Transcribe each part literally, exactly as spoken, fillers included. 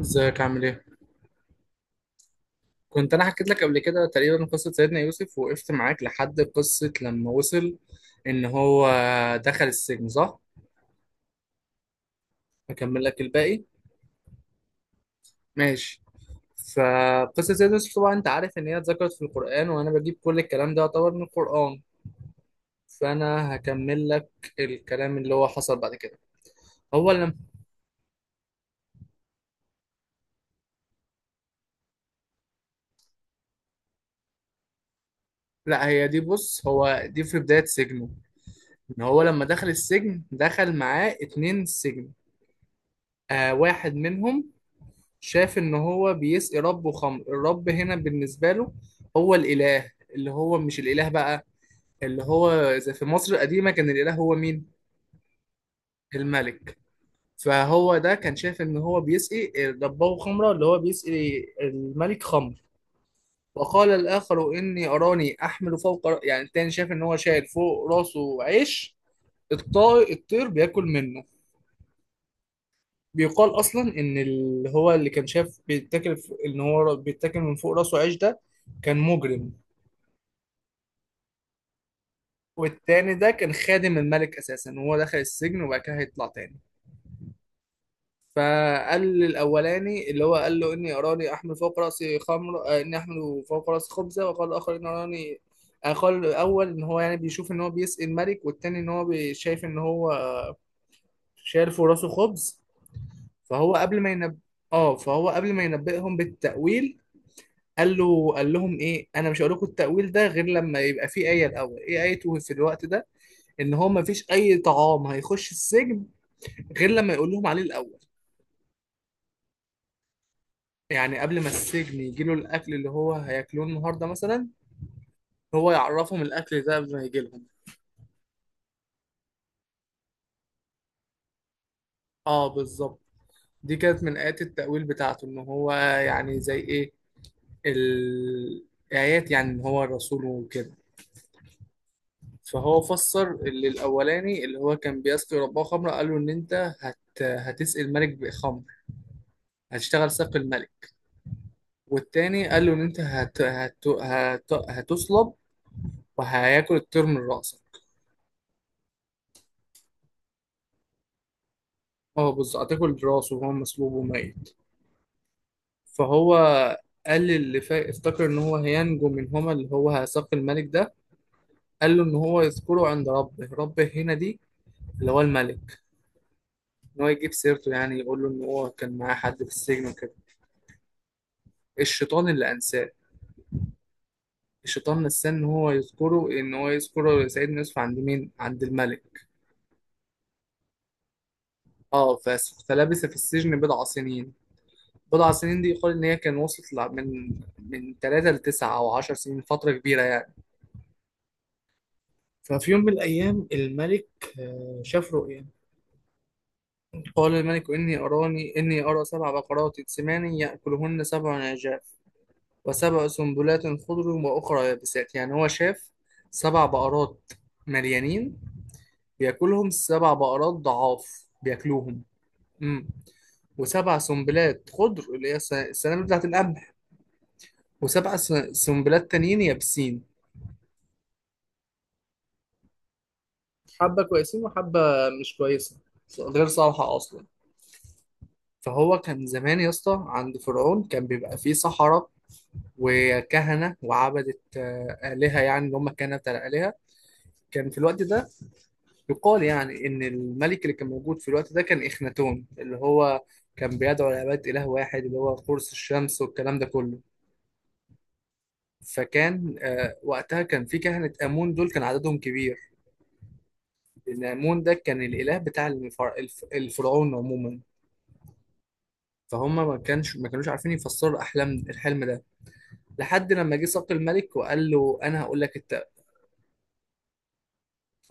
ازيك عامل ايه؟ كنت انا حكيت لك قبل كده تقريبا قصة سيدنا يوسف، وقفت معاك لحد قصة لما وصل ان هو دخل السجن، صح؟ هكمل لك الباقي. ماشي. فقصة سيدنا يوسف طبعا انت عارف ان هي اتذكرت في القرآن، وانا بجيب كل الكلام ده يعتبر من القرآن. فانا هكمل لك الكلام اللي هو حصل بعد كده. هو لما لا، هي دي، بص، هو دي في بداية سجنه. ان هو لما دخل السجن دخل معاه اتنين سجن. آه واحد منهم شاف ان هو بيسقي ربه خمر. الرب هنا بالنسبه له هو الاله، اللي هو مش الاله بقى، اللي هو زي في مصر القديمه كان الاله هو مين؟ الملك. فهو ده كان شاف ان هو بيسقي ربه خمره، اللي هو بيسقي الملك خمر. وقال الاخر اني اراني احمل فوق ر- يعني التاني شاف ان هو شايل فوق راسه عيش، الطائر الطير بياكل منه. بيقال اصلا ان اللي هو اللي كان شاف بيتاكل، ف- ان هو بيتاكل من فوق راسه عيش، ده كان مجرم. والتاني ده كان خادم الملك اساسا، وهو دخل السجن وبعد كده هيطلع تاني. فقال للاولاني اللي هو قال له اني اراني احمل فوق راسي خمر، آه، اني احمل فوق راسي خبزه، وقال الاخر ان اراني، آه، قال الاول ان هو يعني بيشوف ان هو بيسقي الملك، والتاني ان هو بي- شايف ان هو شايل فوق راسه خبز. فهو قبل ما ينب اه فهو قبل ما ينبئهم بالتأويل قال له قال لهم ايه: انا مش هقول لكم التأويل ده غير لما يبقى في آية. الاول ايه آيته في الوقت ده؟ ان هو مفيش اي طعام هيخش السجن غير لما يقول لهم عليه الاول. يعني قبل ما السجن يجي له الاكل اللي هو هياكلوه النهارده مثلا، هو يعرفهم الاكل ده قبل ما يجي لهم. اه بالظبط. دي كانت من ايات التأويل بتاعته، ان هو يعني زي ايه ال- الايات، يعني ان هو الرسول وكده. فهو فسر اللي الاولاني اللي هو كان بيسقي رباه خمره، قال له ان انت هت هتسقي الملك بخمر، هتشتغل ساقي الملك. والتاني قال له ان انت هت... هت... هت... هتصلب، وهياكل الطير من راسك. اه بالظبط، هتاكل راسه وهو مسلوب وميت. فهو قال اللي فا... افتكر ان هو هينجو منهما، اللي هو هيثاق الملك ده، قال له ان هو يذكره عند ربه. ربه هنا دي اللي هو الملك. ان هو يجيب سيرته، يعني يقول له ان هو كان معاه حد في السجن وكده. الشيطان اللي انساه. الشيطان نساه ان هو يذكره، ان هو يذكره سيدنا يوسف عند مين؟ عند الملك. اه ف... فلبث في السجن بضع سنين. بضع سنين دي يقال ان هي كان وصلت لع- من من ثلاثة ل تسعة او عشر سنين، فترة كبيرة يعني. ففي يوم من الأيام الملك، آه، شاف رؤيا. قال الملك: إني أراني، إني أرى سبع بقرات سمان يأكلهن سبع عجاف، وسبع سنبلات خضر وأخرى يابسات. يعني هو شاف سبع بقرات مليانين بياكلهم سبع بقرات ضعاف بياكلوهم. امم وسبع سنبلات خضر اللي هي الس- السنابل بتاعت القمح، وسبع س- سنبلات تانيين يابسين. حبة كويسين، وحبة مش كويسة، غير صالحة أصلا. فهو كان زمان يا اسطى عند فرعون كان بيبقى فيه سحرة وكهنة وعبدة، آه، آلهة، يعني اللي هم الكهنة بتاع الآلهة. كان في الوقت ده يقال يعني إن الملك اللي كان موجود في الوقت ده كان إخناتون، اللي هو كان بيدعو لعبادة إله واحد اللي هو قرص الشمس والكلام ده كله. فكان، آه، وقتها كان في كهنة آمون، دول كان عددهم كبير، لأن آمون ده كان الإله بتاع الفر- الف- الفرعون عموما. فهم ما كانش ما كانوش عارفين يفسروا الأحلام الحلم ده. لحد لما جه صبت الملك وقال له انا هقول لك الت...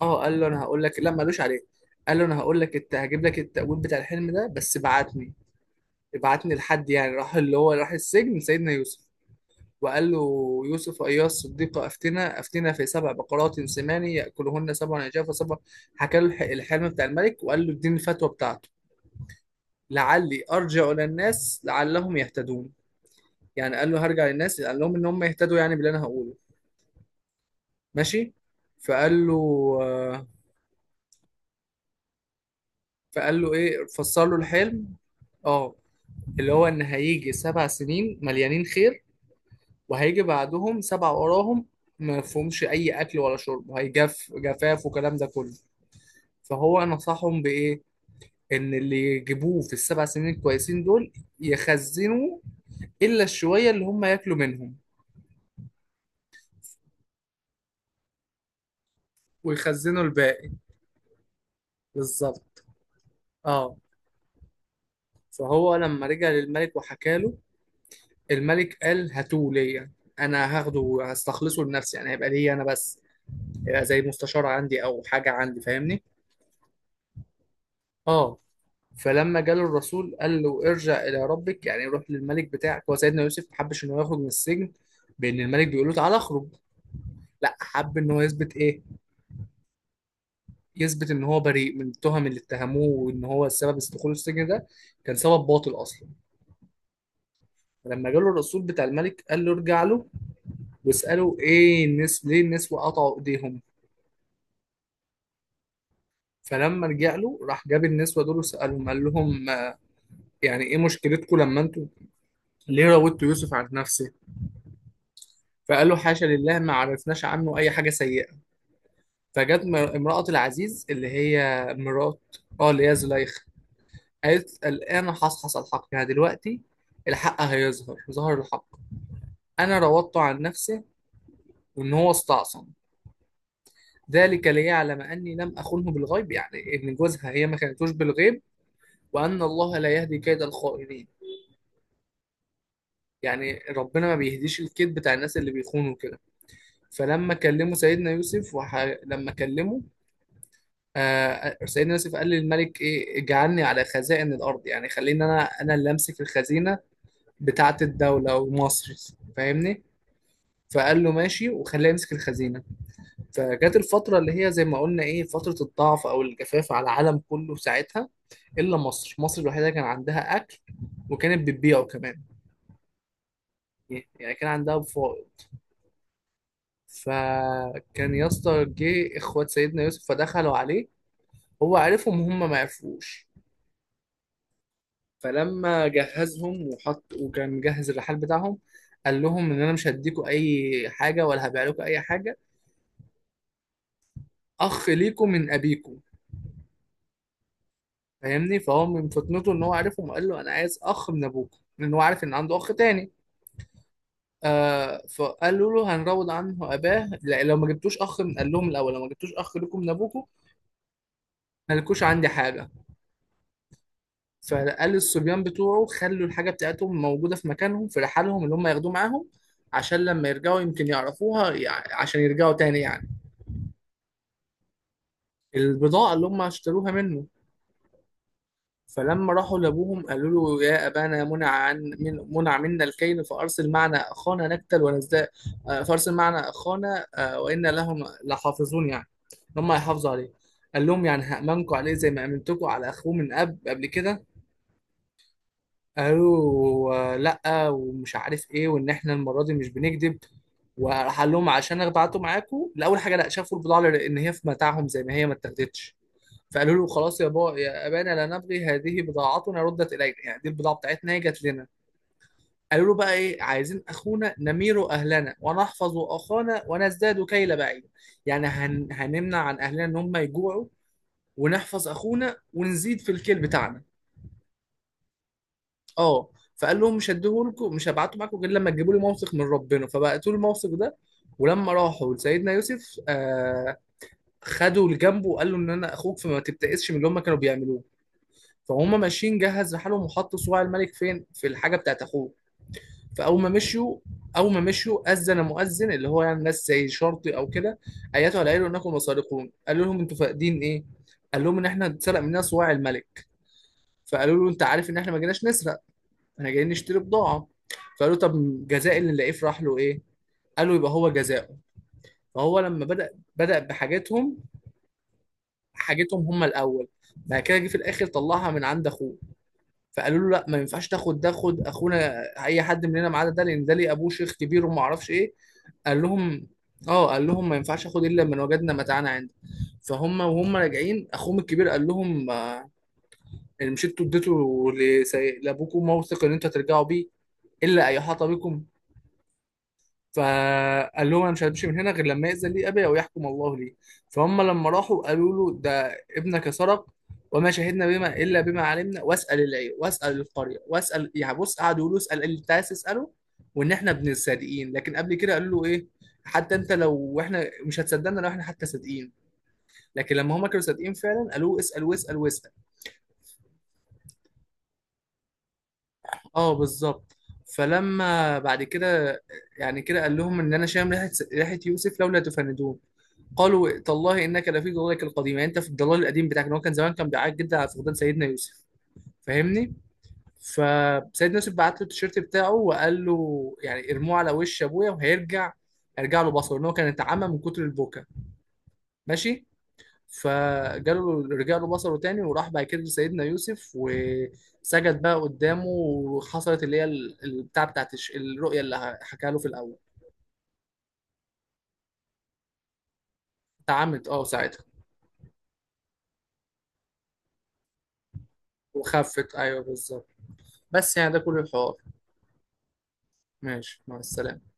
اه قال له انا هقول لك، لا مالوش عليه، قال له انا هقول لك الت... هجيب لك التأويل بتاع الحلم ده، بس ابعتني. ابعتني لحد، يعني راح اللي هو راح السجن سيدنا يوسف وقال له: يوسف أيها الصديق، أفتنا أفتنا في سبع بقرات سمان يأكلهن سبع عجاف وسبع، حكى له الح- الحلم بتاع الملك، وقال له اديني الفتوى بتاعته، لعلي أرجع إلى الناس لعلهم يهتدون. يعني قال له هرجع للناس قال لهم إن هم يهتدوا يعني باللي أنا هقوله. ماشي. فقال له، آه، فقال له ايه، فسر له الحلم: اه اللي هو ان هيجي سبع سنين مليانين خير، وهيجي بعدهم سبع وراهم ما فيهمش اي اكل ولا شرب، وهيجف جفاف وكلام ده كله. فهو نصحهم بايه؟ ان اللي يجيبوه في السبع سنين الكويسين دول يخزنوا الا الشويه اللي هم ياكلوا منهم، ويخزنوا الباقي. بالظبط، اه. فهو لما رجع للملك وحكى له، الملك قال هاتوه ليا، انا هاخده هستخلصه لنفسي، يعني هيبقى ليا انا بس. يبقى زي مستشار عندي او حاجه عندي، فاهمني. اه. فلما جاله الرسول قال له ارجع الى ربك، يعني روح للملك بتاعك، هو سيدنا يوسف ما حبش انه يخرج من السجن بان الملك بيقول له تعالى اخرج، لا حب ان هو يثبت ايه، يثبت ان هو بريء من التهم اللي اتهموه، وان هو السبب دخوله السجن ده كان سبب باطل اصلا. فلما جاله الرسول بتاع الملك قال له ارجع له واساله ايه الناس ليه النسوه قطعوا ايديهم. فلما رجع له راح جاب النسوه دول وسالهم، قال لهم يعني ايه مشكلتكم، لما انتوا ليه راودت يوسف عن نفسه. فقال له حاشا لله، ما عرفناش عنه اي حاجه سيئه. فجت م- امراه العزيز اللي هي مرات، اه اللي هي زليخه. قالت الان حصحص الحق، يعني دلوقتي الحق هيظهر، ظهر الحق. انا راودته عن نفسه وان هو استعصم، ذلك ليعلم اني لم اخنه بالغيب، يعني ان جوزها هي ما كانتوش بالغيب، وان الله لا يهدي كيد الخائنين. يعني ربنا ما بيهديش الكيد بتاع الناس اللي بيخونوا كده. فلما كلموا سيدنا يوسف وح... لما كلمه، آه، سيدنا يوسف قال للملك ايه اجعلني على خزائن الارض، يعني خليني انا انا اللي امسك الخزينه بتاعه الدوله ومصر، فاهمني. فقال له ماشي، وخليه يمسك الخزينه. فجت الفتره اللي هي زي ما قلنا ايه، فتره الضعف او الجفاف على العالم كله ساعتها، الا مصر. مصر الوحيده كان عندها اكل وكانت بتبيعه كمان، يعني كان عندها فائض. فكان يا اسطى جه اخوات سيدنا يوسف فدخلوا عليه، هو عرفهم وهم ما عرفوش. فلما جهزهم وحط وكان مجهز الرحال بتاعهم، قال لهم ان انا مش هديكوا اي حاجه ولا هبيع لكم اي حاجه، اخ ليكم من ابيكم، فاهمني. فهو من فطنته ان هو عارفهم، وقال له انا عايز اخ من ابوكم، لان هو عارف ان عنده اخ تاني. آه فقالوا له هنروض عنه اباه. لا لو ما جبتوش اخ من قال لهم الاول لو ما جبتوش اخ لكم من ابوكم مالكوش عندي حاجه. فقال للصبيان بتوعه خلوا الحاجة بتاعتهم موجودة في مكانهم في رحالهم اللي هم ياخدوه معاهم، عشان لما يرجعوا يمكن يعرفوها، يع- عشان يرجعوا تاني يعني، البضاعة اللي هم اشتروها منه. فلما راحوا لأبوهم قالوا له يا أبانا، منع عن من منع منا الكيل، فأرسل معنا أخانا نكتل ونزداد، آه، فأرسل معنا أخانا آه، وإنا لهم لحافظون، يعني هم هيحافظوا عليه. قال لهم يعني هأمنكم عليه زي ما أمنتكم على أخوه من أب قبل كده. قالوا آه، لا ومش عارف ايه، وان احنا المره دي مش بنكذب. وراح قال لهم عشان اخدعته معاكم الاول حاجه، لا شافوا البضاعه لان هي في متاعهم زي ما هي، ما اتاخدتش. فقالوا له خلاص يا با يا ابانا لا نبغي، هذه بضاعتنا ردت الينا، يعني دي البضاعه بتاعتنا هي جت لنا. قالوا له بقى ايه، عايزين اخونا نمير اهلنا ونحفظ اخانا ونزداد كيل بعيد، يعني هن... هنمنع عن اهلنا ان هم يجوعوا، ونحفظ اخونا ونزيد في الكيل بتاعنا. اه. فقال لهم مش هديهولكم، مش هبعته معاكم غير لما تجيبوا لي موثق من ربنا، فبعتوا له الموثق ده. ولما راحوا لسيدنا يوسف آه خدوا لجنبه وقال له ان انا اخوك، فما تبتئسش من اللي هم كانوا بيعملوه. فهم ماشيين جهز رحالهم وحطوا صواع الملك فين، في الحاجه بتاعت اخوه. فاول ما مشوا اول ما مشوا اذن مؤذن، اللي هو يعني ناس زي شرطي او كده، ايته على عيله انكم مسارقون. قالوا لهم انتوا فاقدين ايه؟ قال لهم ان احنا اتسرق مننا صواع الملك. فقالوا له انت عارف ان احنا ما جيناش نسرق، احنا جايين نشتري بضاعه. فقالوا طب جزاء اللي نلاقيه في رحله ايه؟ قالوا يبقى هو جزاؤه. فهو لما بدأ بدأ بحاجتهم حاجتهم هم الاول، بعد كده جه في الاخر طلعها من عند اخوه. فقالوا له لا ما ينفعش تاخد ده، خد اخونا، اي حد مننا ما عدا ده، لان ده ليه ابوه شيخ كبير وما اعرفش ايه. قال لهم اه قال لهم ما ينفعش اخد الا من وجدنا متاعنا عنده. فهم وهم راجعين اخوهم الكبير قال لهم، آه، اللي مشيتوا اديته لسي- لابوكم موثق ان انتوا هترجعوا بيه الا ان يحاط بكم. فقال لهم انا مش همشي من هنا غير لما يأذن لي ابي او يحكم الله لي. فهم لما راحوا قالوا له ده ابنك سرق، وما شهدنا بما الا بما علمنا، واسال العير واسال القريه واسال، يعني بص قعدوا يقولوا اسال اللي انت عايز تساله، وان احنا ابن الصادقين. لكن قبل كده قالوا له ايه، حتى انت لو احنا مش هتصدقنا لو احنا حتى صادقين، لكن لما هم كانوا صادقين فعلا قالوا له اسال واسال واسال. اه بالظبط. فلما بعد كده يعني كده قال لهم ان انا شام ريحه ريحه يوسف لولا تفندون. قالوا إيه؟ تالله انك لفي ضلالك القديم، يعني انت في الضلال القديم بتاعك، ان هو كان زمان كان بيعيط جدا على فقدان سيدنا يوسف، فاهمني. فسيدنا يوسف بعت له التيشيرت بتاعه وقال له يعني ارموه على وش ابويا وهيرجع، هيرجع له بصره، ان هو كان اتعمى من كتر البكا. ماشي. فجاله رجع له بصره تاني، وراح بعد كده لسيدنا يوسف وسجد بقى قدامه، وحصلت اللي هي ال- البتاع بتاعت الش- الرؤية اللي حكى له في الأول. اتعمت اه ساعتها، وخفت، ايوه بالظبط. بس يعني ده كل الحوار. ماشي، مع السلامة.